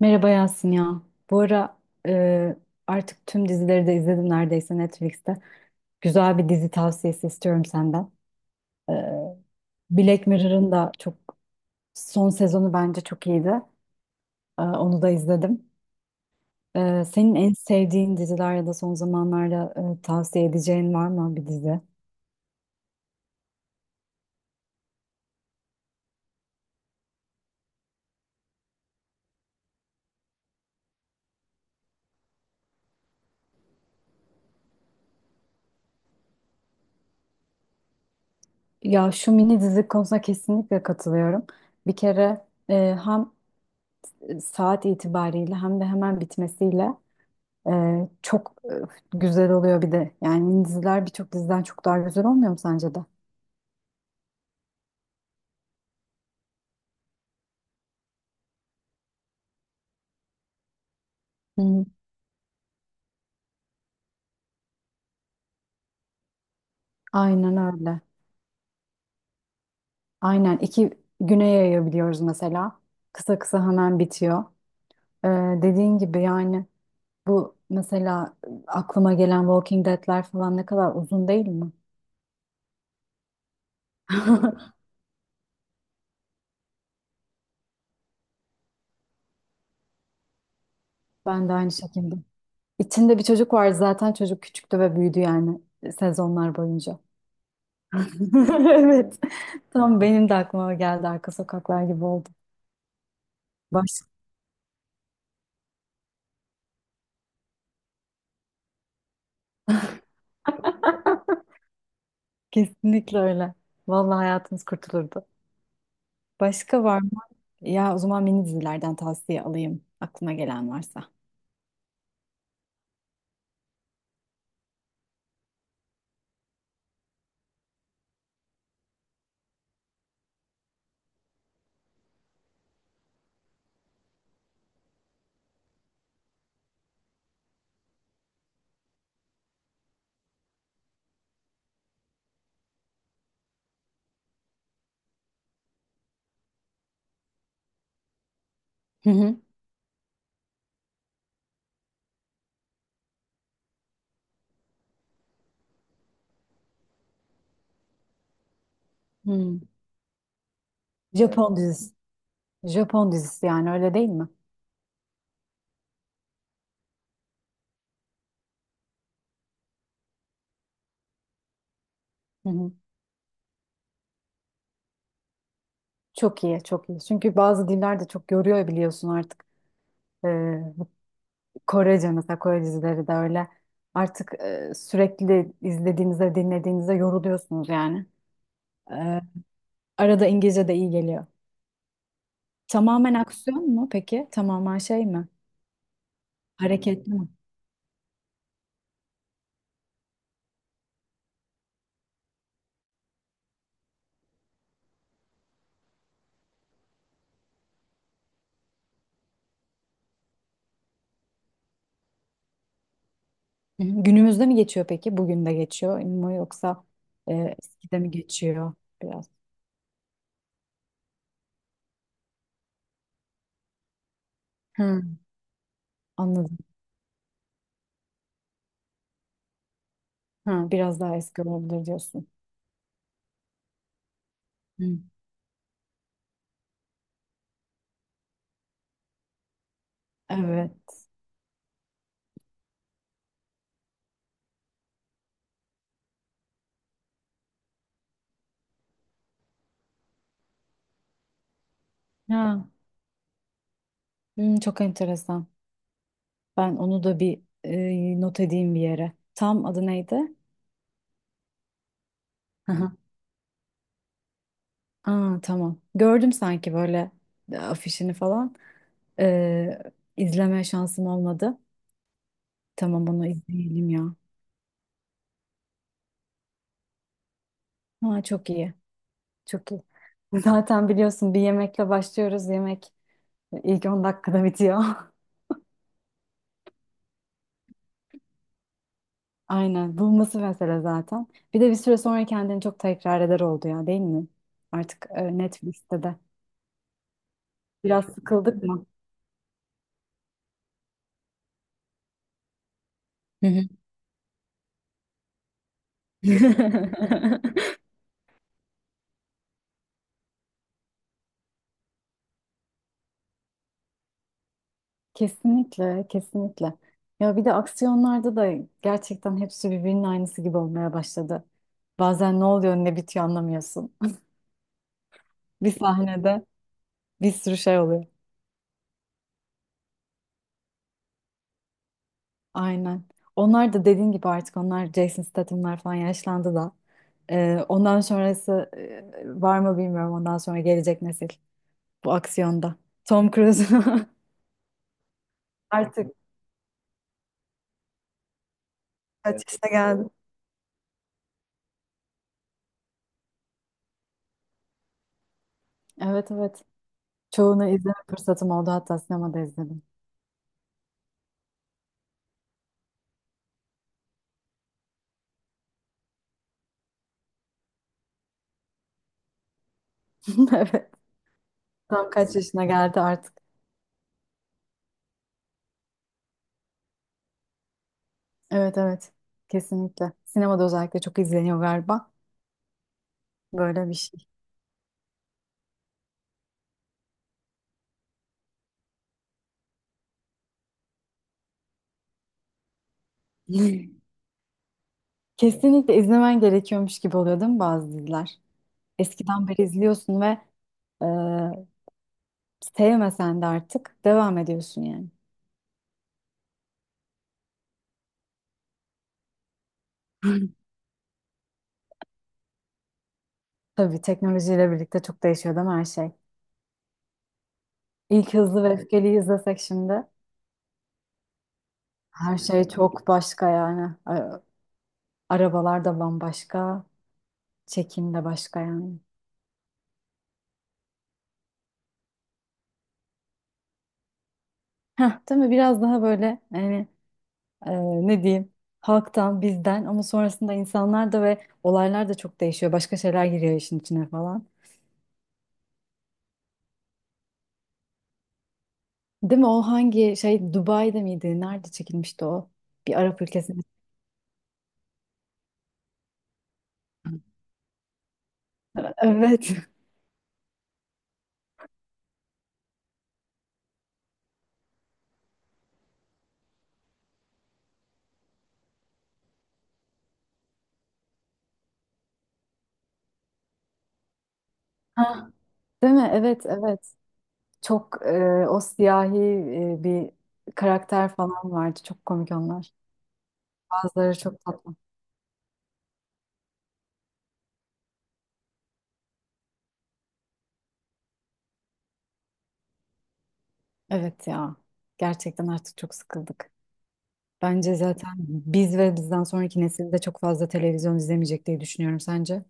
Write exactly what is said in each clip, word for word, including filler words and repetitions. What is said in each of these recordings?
Merhaba Yasin ya. Bu ara e, artık tüm dizileri de izledim neredeyse Netflix'te. Güzel bir dizi tavsiyesi istiyorum senden. E, Black Mirror'ın da çok son sezonu bence çok iyiydi. E, onu da izledim. E, senin en sevdiğin diziler ya da son zamanlarda e, tavsiye edeceğin var mı bir dizi? Ya şu mini dizi konusuna kesinlikle katılıyorum. Bir kere e, hem saat itibariyle hem de hemen bitmesiyle Ee, çok e, güzel oluyor bir de. Yani diziler birçok diziden çok daha güzel olmuyor mu sence de? Hı. Aynen öyle. Aynen iki güne yayabiliyoruz mesela. Kısa kısa hemen bitiyor. Ee, Dediğin gibi yani bu mesela aklıma gelen Walking Dead'ler falan ne kadar uzun değil mi? Ben de aynı şekilde. İçinde bir çocuk vardı zaten, çocuk küçüktü ve büyüdü yani sezonlar boyunca. Evet. Tam benim de aklıma geldi, arka sokaklar gibi oldu. Kesinlikle öyle. Vallahi hayatınız kurtulurdu. Başka var mı? Ya o zaman mini dizilerden tavsiye alayım aklıma gelen varsa. Hı hı. Hmm. Japon dizisi. Japon dizisi yani, öyle değil mi? Hı hı. Çok iyi, çok iyi. Çünkü bazı diller de çok yoruyor biliyorsun artık. Ee, Korece mesela, Kore dizileri de öyle. Artık e, sürekli izlediğinizde, dinlediğinizde yoruluyorsunuz yani. Ee, Arada İngilizce de iyi geliyor. Tamamen aksiyon mu peki? Tamamen şey mi? Hareketli mi? Hı hı. Günümüzde mi geçiyor peki? Bugün de geçiyor mu, yoksa e, eskide mi geçiyor biraz? Hı, anladım. Ha, biraz daha eski olabilir diyorsun. Hı. Evet. Ha. Hı, çok enteresan. Ben onu da bir e, not edeyim bir yere. Tam adı neydi? Hı hı. Aa, tamam. Gördüm sanki böyle e, afişini falan. E, izleme şansım olmadı. Tamam, onu izleyelim ya. Ha, çok iyi. Çok iyi. Zaten biliyorsun, bir yemekle başlıyoruz. Yemek ilk on dakikada bitiyor. Aynen. Bulması mesele zaten. Bir de bir süre sonra kendini çok tekrar eder oldu ya, değil mi? Artık e, Netflix'te de. Biraz sıkıldık mı? Hı hı. Kesinlikle, kesinlikle. Ya bir de aksiyonlarda da gerçekten hepsi birbirinin aynısı gibi olmaya başladı. Bazen ne oluyor ne bitiyor anlamıyorsun. Bir sahnede bir sürü şey oluyor. Aynen. Onlar da dediğin gibi artık, onlar Jason Statham'lar falan yaşlandı da. Ee, ondan sonrası e, var mı bilmiyorum. Ondan sonra gelecek nesil bu aksiyonda. Tom Cruise artık kaç yaşına geldi. Evet evet. Çoğunu izleme fırsatım oldu. Hatta sinemada izledim. Evet. Tam kaç yaşına geldi artık. Evet evet. Kesinlikle. Sinemada özellikle çok izleniyor galiba. Böyle bir şey. Kesinlikle izlemen gerekiyormuş gibi oluyor değil mi bazı diziler? Eskiden beri izliyorsun ve e, sevmesen de artık devam ediyorsun yani. Tabii teknolojiyle birlikte çok değişiyor değil mi her şey? İlk Hızlı ve Öfkeli'yi izlesek şimdi her şey çok başka yani. A- Arabalar da bambaşka, çekim de başka yani. Heh, değil mi? Biraz daha böyle yani e, ne diyeyim, halktan, bizden, ama sonrasında insanlar da ve olaylar da çok değişiyor. Başka şeyler giriyor işin içine falan. Değil mi? O hangi şey, Dubai'de miydi? Nerede çekilmişti o? Bir Arap ülkesinde. Evet. Ha. Değil mi? Evet, evet. Çok e, o siyahi e, bir karakter falan vardı. Çok komik onlar. Bazıları çok tatlı. Evet ya. Gerçekten artık çok sıkıldık. Bence zaten biz ve bizden sonraki nesilde çok fazla televizyon izlemeyecek diye düşünüyorum, sence.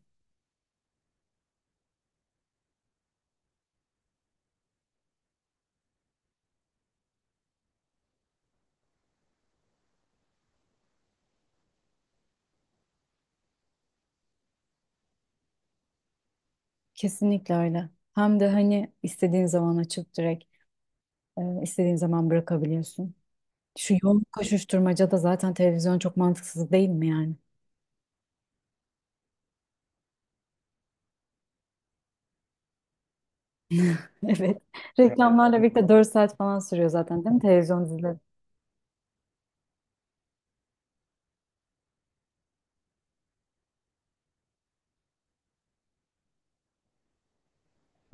Kesinlikle öyle. Hem de hani istediğin zaman açıp direkt e, istediğin zaman bırakabiliyorsun. Şu yoğun koşuşturmacada zaten televizyon çok mantıksız değil mi yani? Evet. Reklamlarla birlikte dört saat falan sürüyor zaten değil mi televizyon dizileri?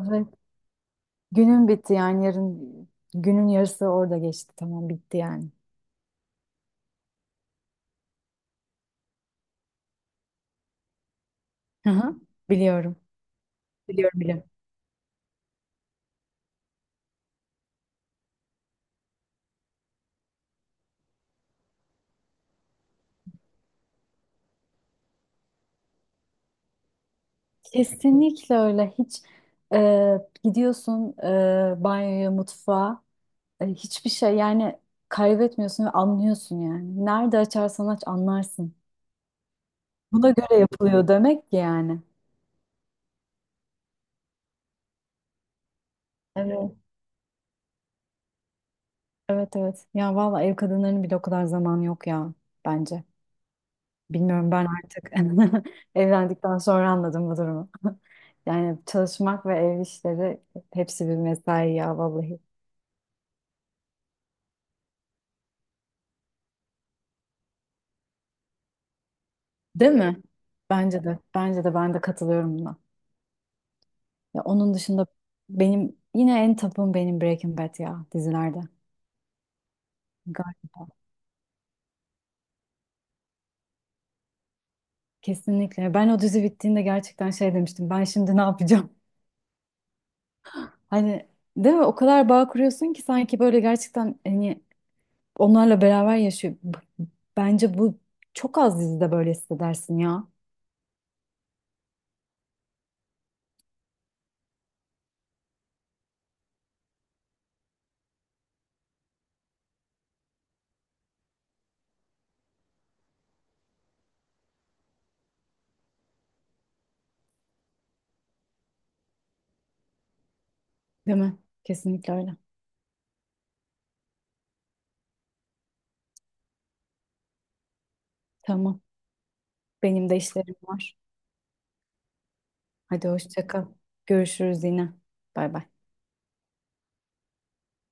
Evet. Günün bitti yani, yarın günün yarısı orada geçti. Tamam, bitti yani. Hı hı. Biliyorum. Biliyorum biliyorum. Kesinlikle öyle. Hiç e, gidiyorsun e, banyoya, mutfağa. E, hiçbir şey yani kaybetmiyorsun ve anlıyorsun yani. Nerede açarsan aç anlarsın. Buna göre yapılıyor demek ki yani. Evet. Evet evet. Ya valla ev kadınlarının bile o kadar zamanı yok ya bence. Bilmiyorum ben artık, evlendikten sonra anladım bu durumu. Yani çalışmak ve ev işleri, hepsi bir mesai ya vallahi. Değil mi? Bence de. Bence de, ben de katılıyorum buna. Ya onun dışında benim yine en tapım benim Breaking Bad ya, dizilerde. Galiba. Kesinlikle. Ben o dizi bittiğinde gerçekten şey demiştim. Ben şimdi ne yapacağım? Hani değil mi? O kadar bağ kuruyorsun ki sanki böyle gerçekten hani onlarla beraber yaşıyor. B- Bence bu çok az dizide böyle hissedersin ya. Değil mi? Kesinlikle öyle. Tamam. Benim de işlerim var. Hadi hoşça kal. Görüşürüz yine. Bay bay.